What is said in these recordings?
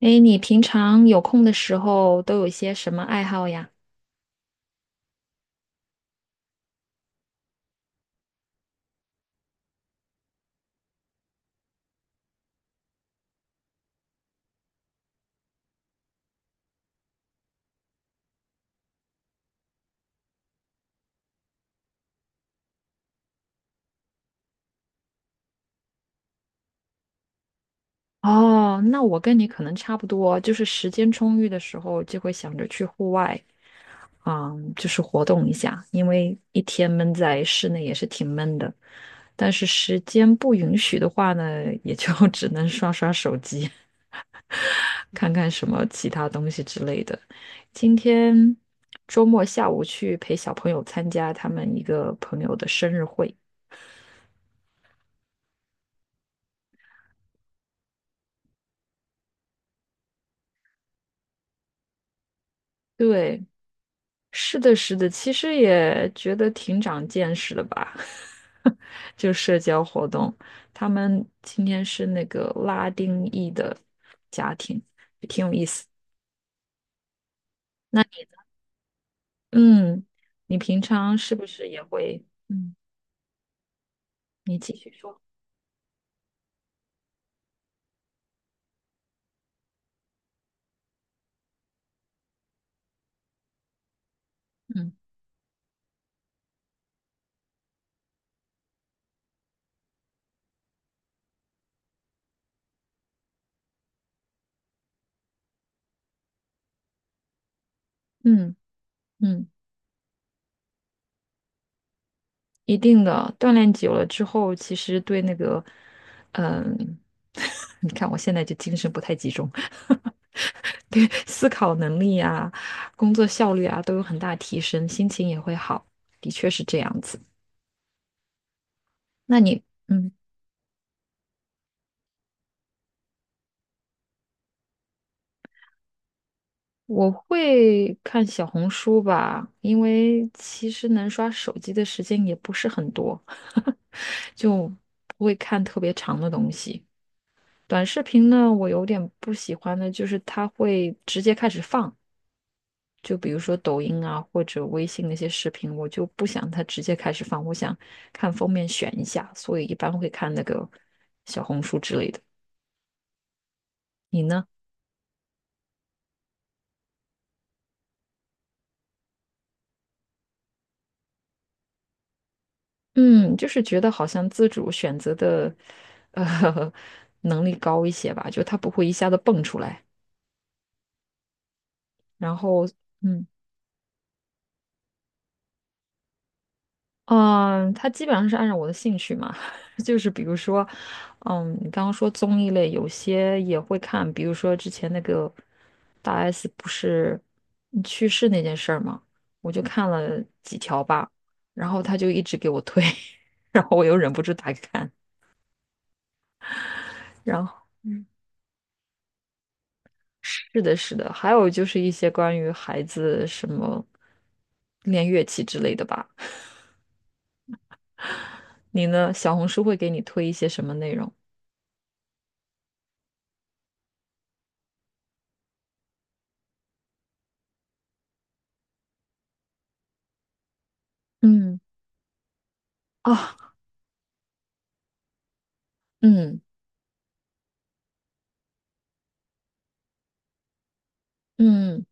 哎，你平常有空的时候都有一些什么爱好呀？哦，那我跟你可能差不多，就是时间充裕的时候就会想着去户外，嗯，就是活动一下，因为一天闷在室内也是挺闷的。但是时间不允许的话呢，也就 只能刷刷手机，看看什么其他东西之类的。今天周末下午去陪小朋友参加他们一个朋友的生日会，对。是的，是的，其实也觉得挺长见识的吧，就社交活动。他们今天是那个拉丁裔的家庭，那你呢，嗯，你平常是不是也会，嗯，你继续说，嗯嗯嗯。一定的，锻炼久了之后，其实对那个，嗯，你看我现在就精神不太集中，对思考能力啊、工作效率啊都有很大提升，心情也会好，的确是这样子。那你，嗯，我会看小红书吧，因为其实能刷手机的时间也不是很多，就不会看特别长的东西。短视频呢，我有点不喜欢的，就是它会直接开始放，就比如说抖音啊或者微信那些视频，我就不想它直接开始放，我想看封面选一下，所以一般会看那个小红书之类的。你呢？嗯，就是觉得好像自主选择的呃 能力高一些吧，就它不会一下子蹦出来，然后嗯。嗯，他基本上是按照我的兴趣嘛，就是比如说，嗯，你刚刚说综艺类，有些也会看，比如说之前那个大 S 不是嗯去世那件事儿嘛，我就看了几条吧，然后他就一直给我推，然后我又忍不住打开看，然后是的，是的，还有就是一些关于孩子什么练乐器之类的吧。你呢？小红书会给你推一些什么内容？嗯，啊，嗯嗯。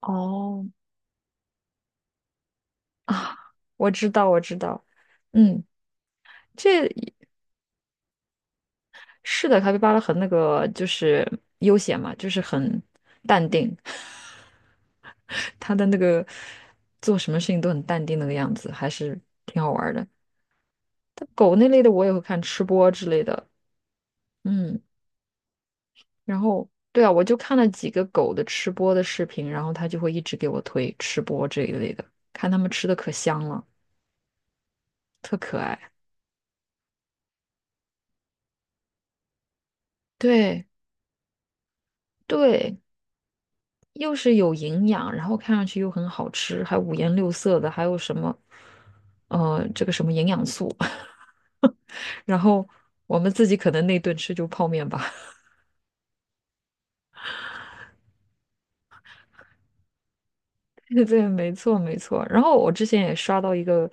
哦啊，我知道，我知道，嗯，这是的，卡皮巴拉很那个，就是悠闲嘛，就是很淡定，他的那个做什么事情都很淡定那个样子，还是挺好玩儿的。但狗那类的我也会看吃播之类的，嗯，然后对啊，我就看了几个狗的吃播的视频，然后他就会一直给我推吃播这一类的，看他们吃的可香了，特可爱。对对，又是有营养，然后看上去又很好吃，还五颜六色的，还有什么，这个什么营养素，然后我们自己可能那顿吃就泡面吧。对对，没错没错。然后我之前也刷到一个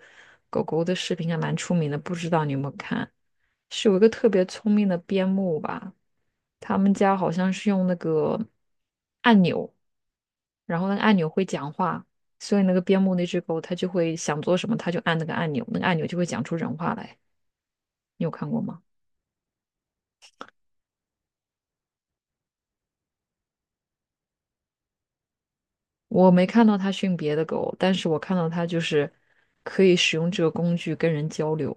狗狗的视频，还蛮出名的，不知道你有没有看？是有一个特别聪明的边牧吧，他们家好像是用那个按钮，然后那个按钮会讲话，所以那个边牧那只狗它就会想做什么，它就按那个按钮，那个按钮就会讲出人话来。你有看过吗？我没看到它训别的狗，但是我看到它就是可以使用这个工具跟人交流。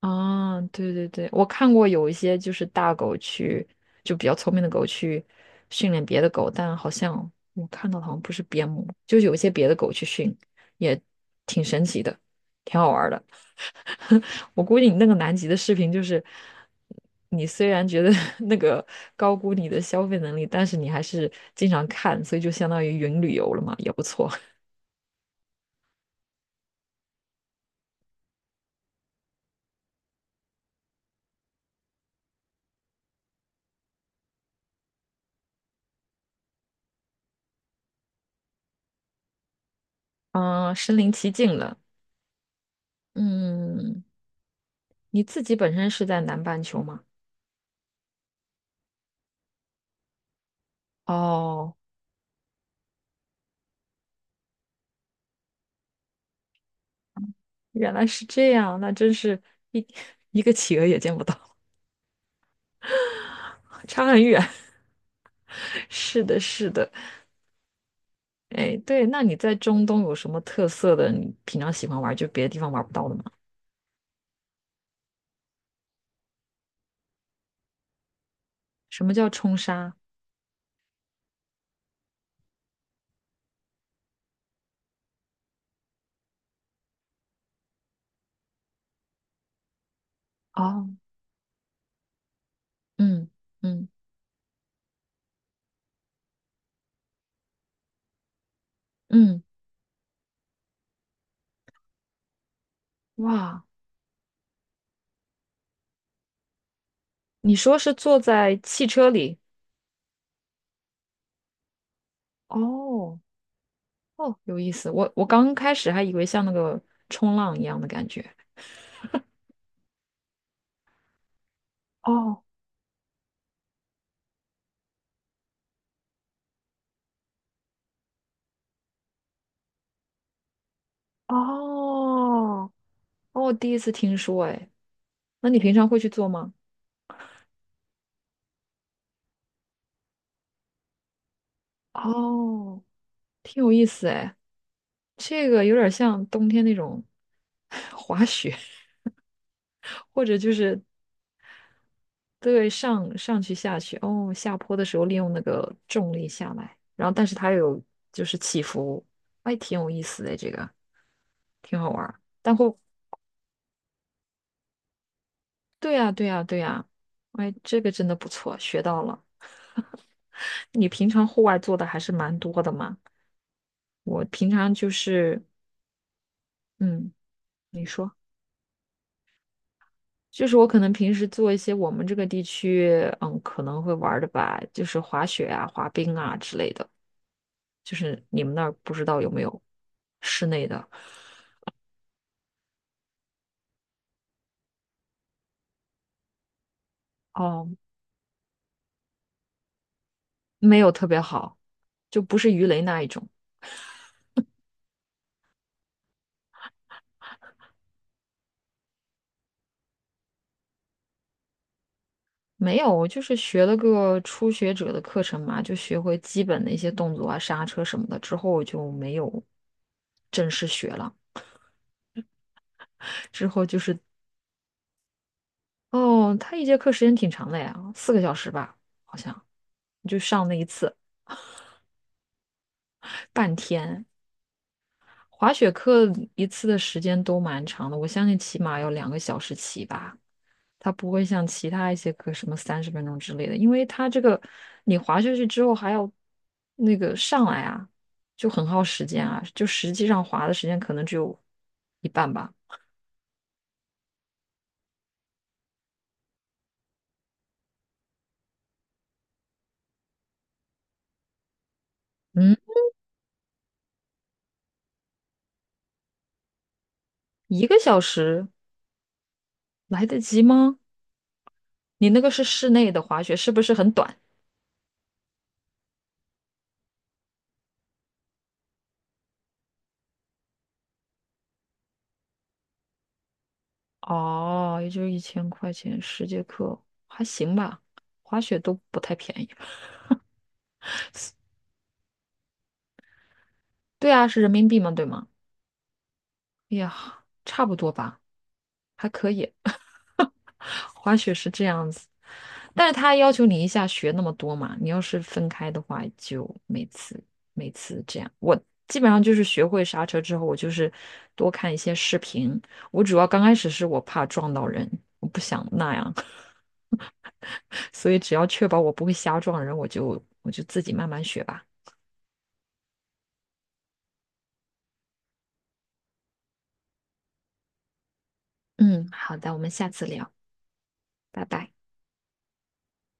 啊，对对对，我看过有一些就是大狗去，就比较聪明的狗去训练别的狗，但好像我看到的好像不是边牧，就是有一些别的狗去训，也挺神奇的，挺好玩儿的。我估计你那个南极的视频就是，你虽然觉得 那个高估你的消费能力，但是你还是经常看，所以就相当于云旅游了嘛，也不错。嗯，身临其境了。嗯，你自己本身是在南半球吗？哦，原来是这样，那真是一 一个企鹅也见不到，差很远。是的，是的，哎，对，那你在中东有什么特色的？你平常喜欢玩，就别的地方玩不到的吗？什么叫冲沙？哦，嗯嗯嗯，哇，你说是坐在汽车里？哦哦，有意思。我刚开始还以为像那个冲浪一样的感觉。哦哦哦，第一次听说，哎，那你平常会去做吗？哦挺有意思哎，这个有点像冬天那种 滑雪，或者就是对上上去下去，哦，下坡的时候利用那个重力下来，然后但是它有就是起伏，哎，挺有意思的这个，挺好玩儿。但后对呀，对呀，对呀，哎，这个真的不错，学到了。你平常户外做的还是蛮多的嘛，我平常就是，嗯，你说。就是我可能平时做一些我们这个地区，嗯，可能会玩儿的吧，就是滑雪啊、滑冰啊之类的。就是你们那儿不知道有没有室内的？哦，没有特别好，就不是鱼雷那一种。没有，我就是学了个初学者的课程嘛，就学会基本的一些动作啊、刹车什么的，之后就没有正式学了。之后就是，哦，他一节课时间挺长的呀，4个小时吧，好像，就上那一次，半天。滑雪课一次的时间都蛮长的，我相信起码要2个小时起吧。它不会像其他一些课什么30分钟之类的，因为它这个你滑下去之后还要那个上来啊，就很耗时间啊。就实际上滑的时间可能只有一半吧。嗯，1个小时来得及吗？你那个是室内的滑雪，是不是很短？哦，也就是1000块钱10节课，还行吧。滑雪都不太便宜。对啊，是人民币嘛，对吗？哎呀，差不多吧，还可以。滑雪是这样子，但是他要求你一下学那么多嘛，你要是分开的话，就每次这样。我基本上就是学会刹车之后，我就是多看一些视频。我主要刚开始是我怕撞到人，我不想那样，所以只要确保我不会瞎撞人，我就自己慢慢学吧。嗯，好的，我们下次聊，拜拜。